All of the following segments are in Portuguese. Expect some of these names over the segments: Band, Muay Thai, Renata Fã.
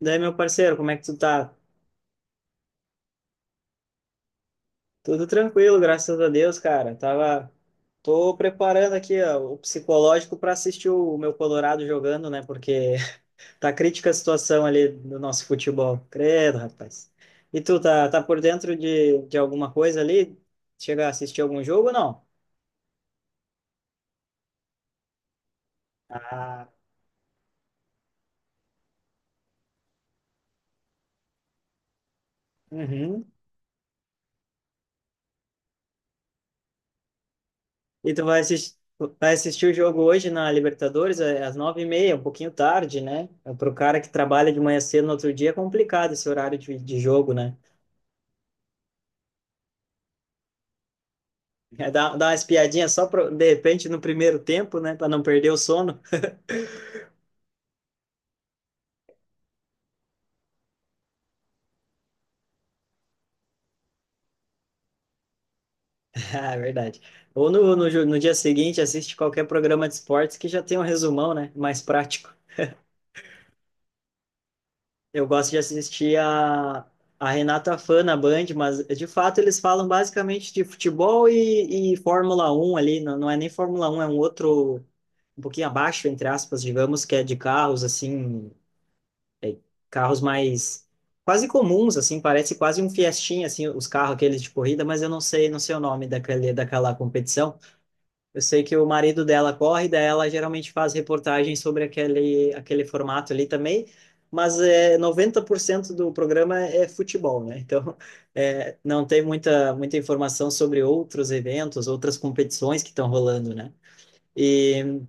Daí, meu parceiro, como é que tu tá? Tudo tranquilo, graças a Deus, cara. Tô preparando aqui, ó, o psicológico para assistir o meu Colorado jogando, né? Porque tá crítica a situação ali do nosso futebol. Credo, rapaz. E tu tá por dentro de alguma coisa ali? Chega a assistir algum jogo ou não? Ah, uhum. E tu vai assistir o jogo hoje na Libertadores às 9h30, um pouquinho tarde, né? Para o cara que trabalha de manhã cedo no outro dia é complicado esse horário de jogo, né? É, dá uma espiadinha só pro, de repente no primeiro tempo, né? Para não perder o sono. Ah, é verdade. Ou no dia seguinte assiste qualquer programa de esportes que já tem um resumão, né? Mais prático. Eu gosto de assistir a Renata Fã na Band, mas de fato eles falam basicamente de futebol e Fórmula 1 ali, não, não é nem Fórmula 1, é um outro, um pouquinho abaixo, entre aspas, digamos, que é de carros, assim, é, carros mais quase comuns, assim, parece quase um Fiestinha, assim, os carros aqueles de corrida, mas eu não sei, não sei o nome daquele, daquela competição. Eu sei que o marido dela corre, daí ela geralmente faz reportagem sobre aquele formato ali também, mas 90% do programa é futebol, né? Então, não tem muita, muita informação sobre outros eventos, outras competições que estão rolando, né? E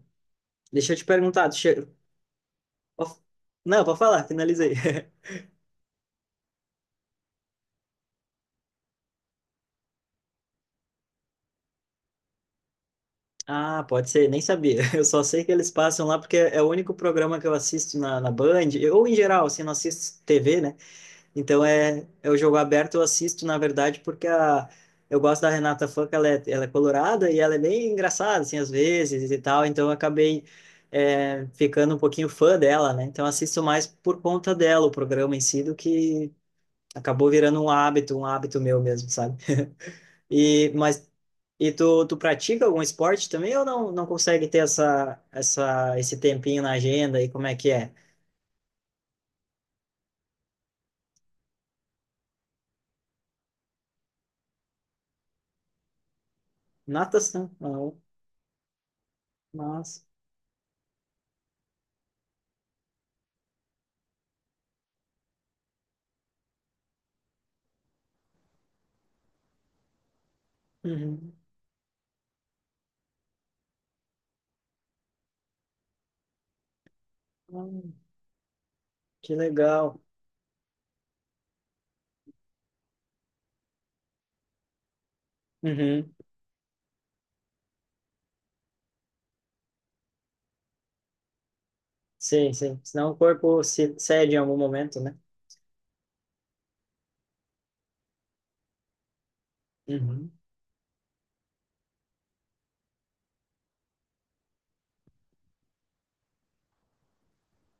deixa eu te perguntar, não, pode falar, finalizei. Ah, pode ser, nem sabia. Eu só sei que eles passam lá porque é o único programa que eu assisto na Band, ou em geral, assim, não assisto TV, né? Então é o jogo aberto, eu assisto, na verdade, porque eu gosto da Renata Fã, que ela é colorada e ela é bem engraçada, assim, às vezes e tal, então eu acabei ficando um pouquinho fã dela, né? Então eu assisto mais por conta dela o programa em si, do que acabou virando um hábito meu mesmo, sabe? E, mas, e tu pratica algum esporte também ou não, não consegue ter esse tempinho na agenda e como é que é? Natação, não, mas... Uhum. Que legal. Uhum. Sim, sim. Senão o corpo se cede em algum momento, né? Uhum.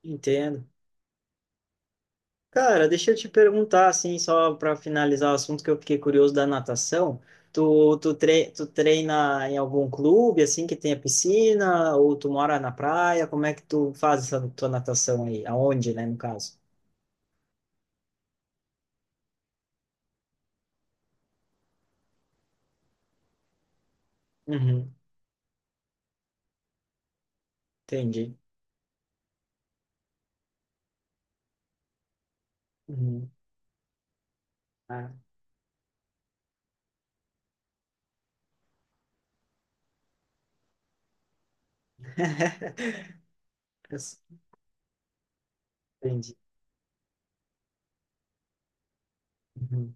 Entendo. Cara, deixa eu te perguntar, assim, só para finalizar o assunto que eu fiquei curioso da natação. Tu treina em algum clube, assim, que tenha piscina? Ou tu mora na praia? Como é que tu faz essa tua natação aí? Aonde, né, no caso? Uhum. Entendi. Uhum. Ah. Entendi. Uhum.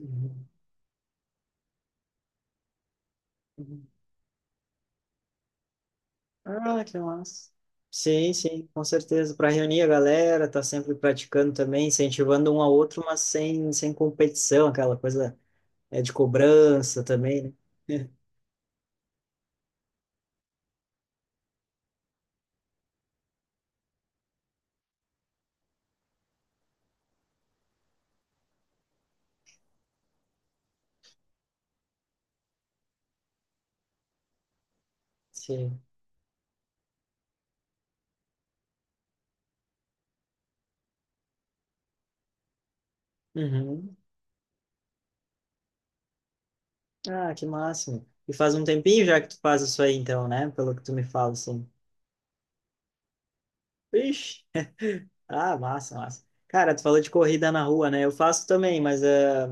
Uhum. Uhum. Ah, que massa. Sim, sim, com certeza. Para reunir a galera, tá sempre praticando também, incentivando um ao outro, mas sem competição, aquela coisa é de cobrança também, né? Sim. Uhum. Ah, que máximo. E faz um tempinho já que tu faz isso aí, então, né? Pelo que tu me fala, assim. Ixi. Ah, massa, massa. Cara, tu falou de corrida na rua, né? Eu faço também, mas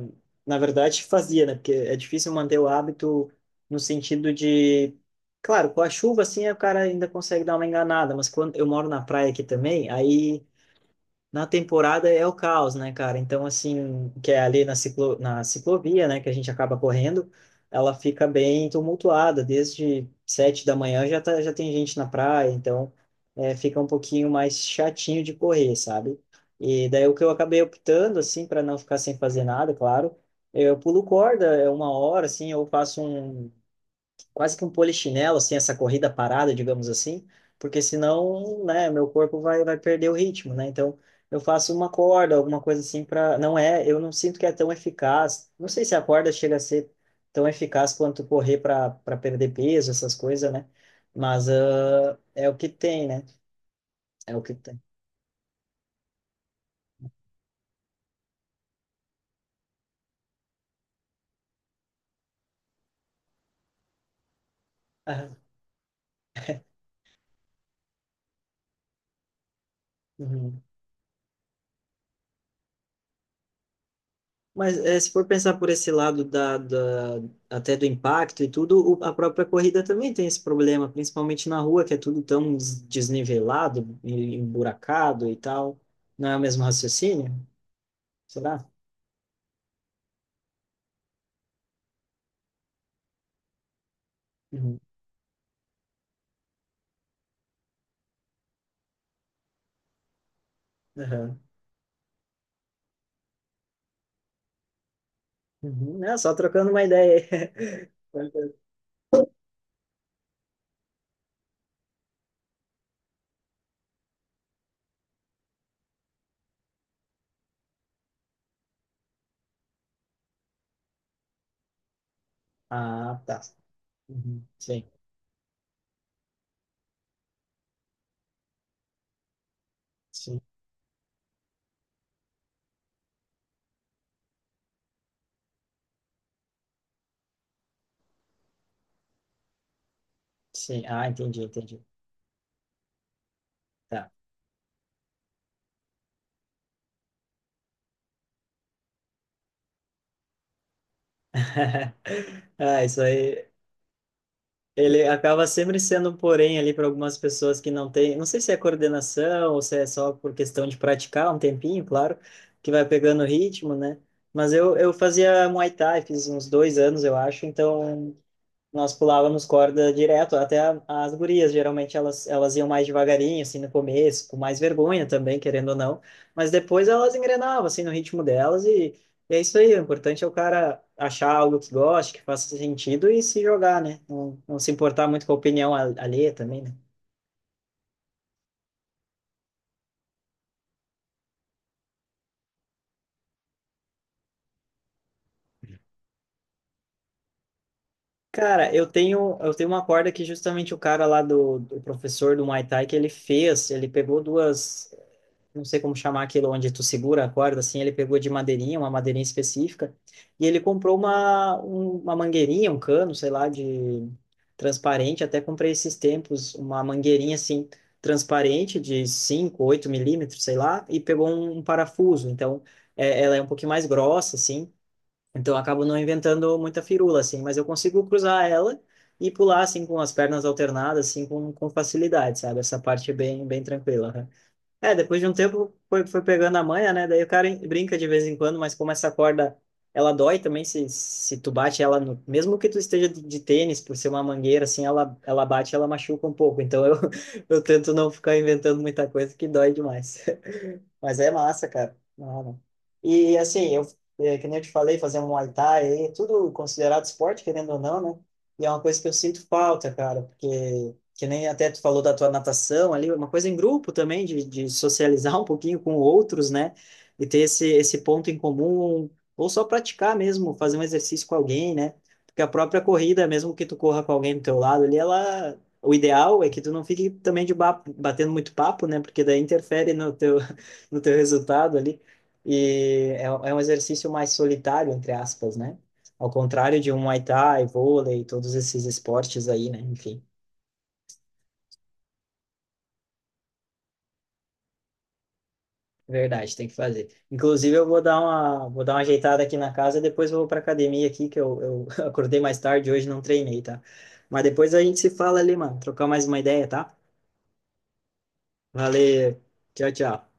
na verdade fazia, né? Porque é difícil manter o hábito no sentido de. Claro, com a chuva assim o cara ainda consegue dar uma enganada, mas quando eu moro na praia aqui também, aí na temporada é o caos, né, cara? Então, assim, que é ali na ciclovia, né, que a gente acaba correndo, ela fica bem tumultuada. Desde 7 da manhã já, tá, já tem gente na praia, então fica um pouquinho mais chatinho de correr, sabe? E daí o que eu acabei optando, assim, para não ficar sem fazer nada, claro, eu pulo corda, é uma hora, assim, eu faço quase que um polichinelo, assim, essa corrida parada, digamos assim, porque senão, né, meu corpo vai perder o ritmo, né? Então, eu faço uma corda, alguma coisa assim para, não é, eu não sinto que é tão eficaz. Não sei se a corda chega a ser tão eficaz quanto correr para perder peso, essas coisas, né? Mas é o que tem, né? É o que tem. Aham. Uhum. Mas se for pensar por esse lado até do impacto e tudo, a própria corrida também tem esse problema, principalmente na rua, que é tudo tão desnivelado, e emburacado e tal. Não é o mesmo raciocínio? Será? Uhum. Aham. Uhum. É, só trocando uma ideia. Aí. Ah, tá. Uhum. Sim, sim, sim. Ah, entendi, entendi. Tá. Ah, isso aí. Ele acaba sempre sendo um porém ali para algumas pessoas que não têm, não sei se é coordenação ou se é só por questão de praticar um tempinho, claro, que vai pegando o ritmo, né? Mas eu fazia Muay Thai, fiz uns 2 anos, eu acho, então nós pulávamos corda direto, até as gurias, geralmente elas iam mais devagarinho, assim, no começo, com mais vergonha também, querendo ou não, mas depois elas engrenavam, assim, no ritmo delas, e é isso aí, o importante é o cara achar algo que goste, que faça sentido e se jogar, né? Não, não se importar muito com a opinião alheia também, né? Cara, eu tenho uma corda que justamente o cara lá do professor do Muay Thai que ele fez, ele pegou duas não sei como chamar aquilo onde tu segura a corda, assim, ele pegou de madeirinha, uma madeirinha específica, e ele comprou uma mangueirinha, um cano, sei lá, de transparente, até comprei esses tempos uma mangueirinha, assim, transparente, de 5, 8 milímetros, sei lá, e pegou um parafuso, então ela é um pouquinho mais grossa, assim, então eu acabo não inventando muita firula, assim, mas eu consigo cruzar ela e pular, assim, com as pernas alternadas, assim, com facilidade, sabe? Essa parte é bem, bem tranquila, né? É, depois de um tempo foi pegando a manha, né? Daí o cara brinca de vez em quando, mas como essa corda, ela dói também se tu bate ela no... Mesmo que tu esteja de tênis, por ser uma mangueira, assim, ela bate, ela machuca um pouco. Então eu, eu tento não ficar inventando muita coisa que dói demais. Mas é massa, cara. Não, E assim, que nem eu te falei, fazer um Muay Thai, aí, é tudo considerado esporte, querendo ou não, né? E é uma coisa que eu sinto falta, cara, porque que nem até tu falou da tua natação ali, uma coisa em grupo também, de socializar um pouquinho com outros, né? E ter esse ponto em comum, ou só praticar mesmo, fazer um exercício com alguém, né? Porque a própria corrida, mesmo que tu corra com alguém do teu lado ali, ela. O ideal é que tu não fique também de batendo muito papo, né? Porque daí interfere no teu, do teu resultado ali. E é um exercício mais solitário, entre aspas, né? Ao contrário de um Muay Thai, vôlei, todos esses esportes aí, né? Enfim, é verdade, tem que fazer. Inclusive, eu vou dar uma ajeitada aqui na casa, depois eu vou para academia aqui, que eu acordei mais tarde, hoje não treinei, tá? Mas depois a gente se fala ali, mano. Trocar mais uma ideia, tá? Valeu. Tchau, tchau.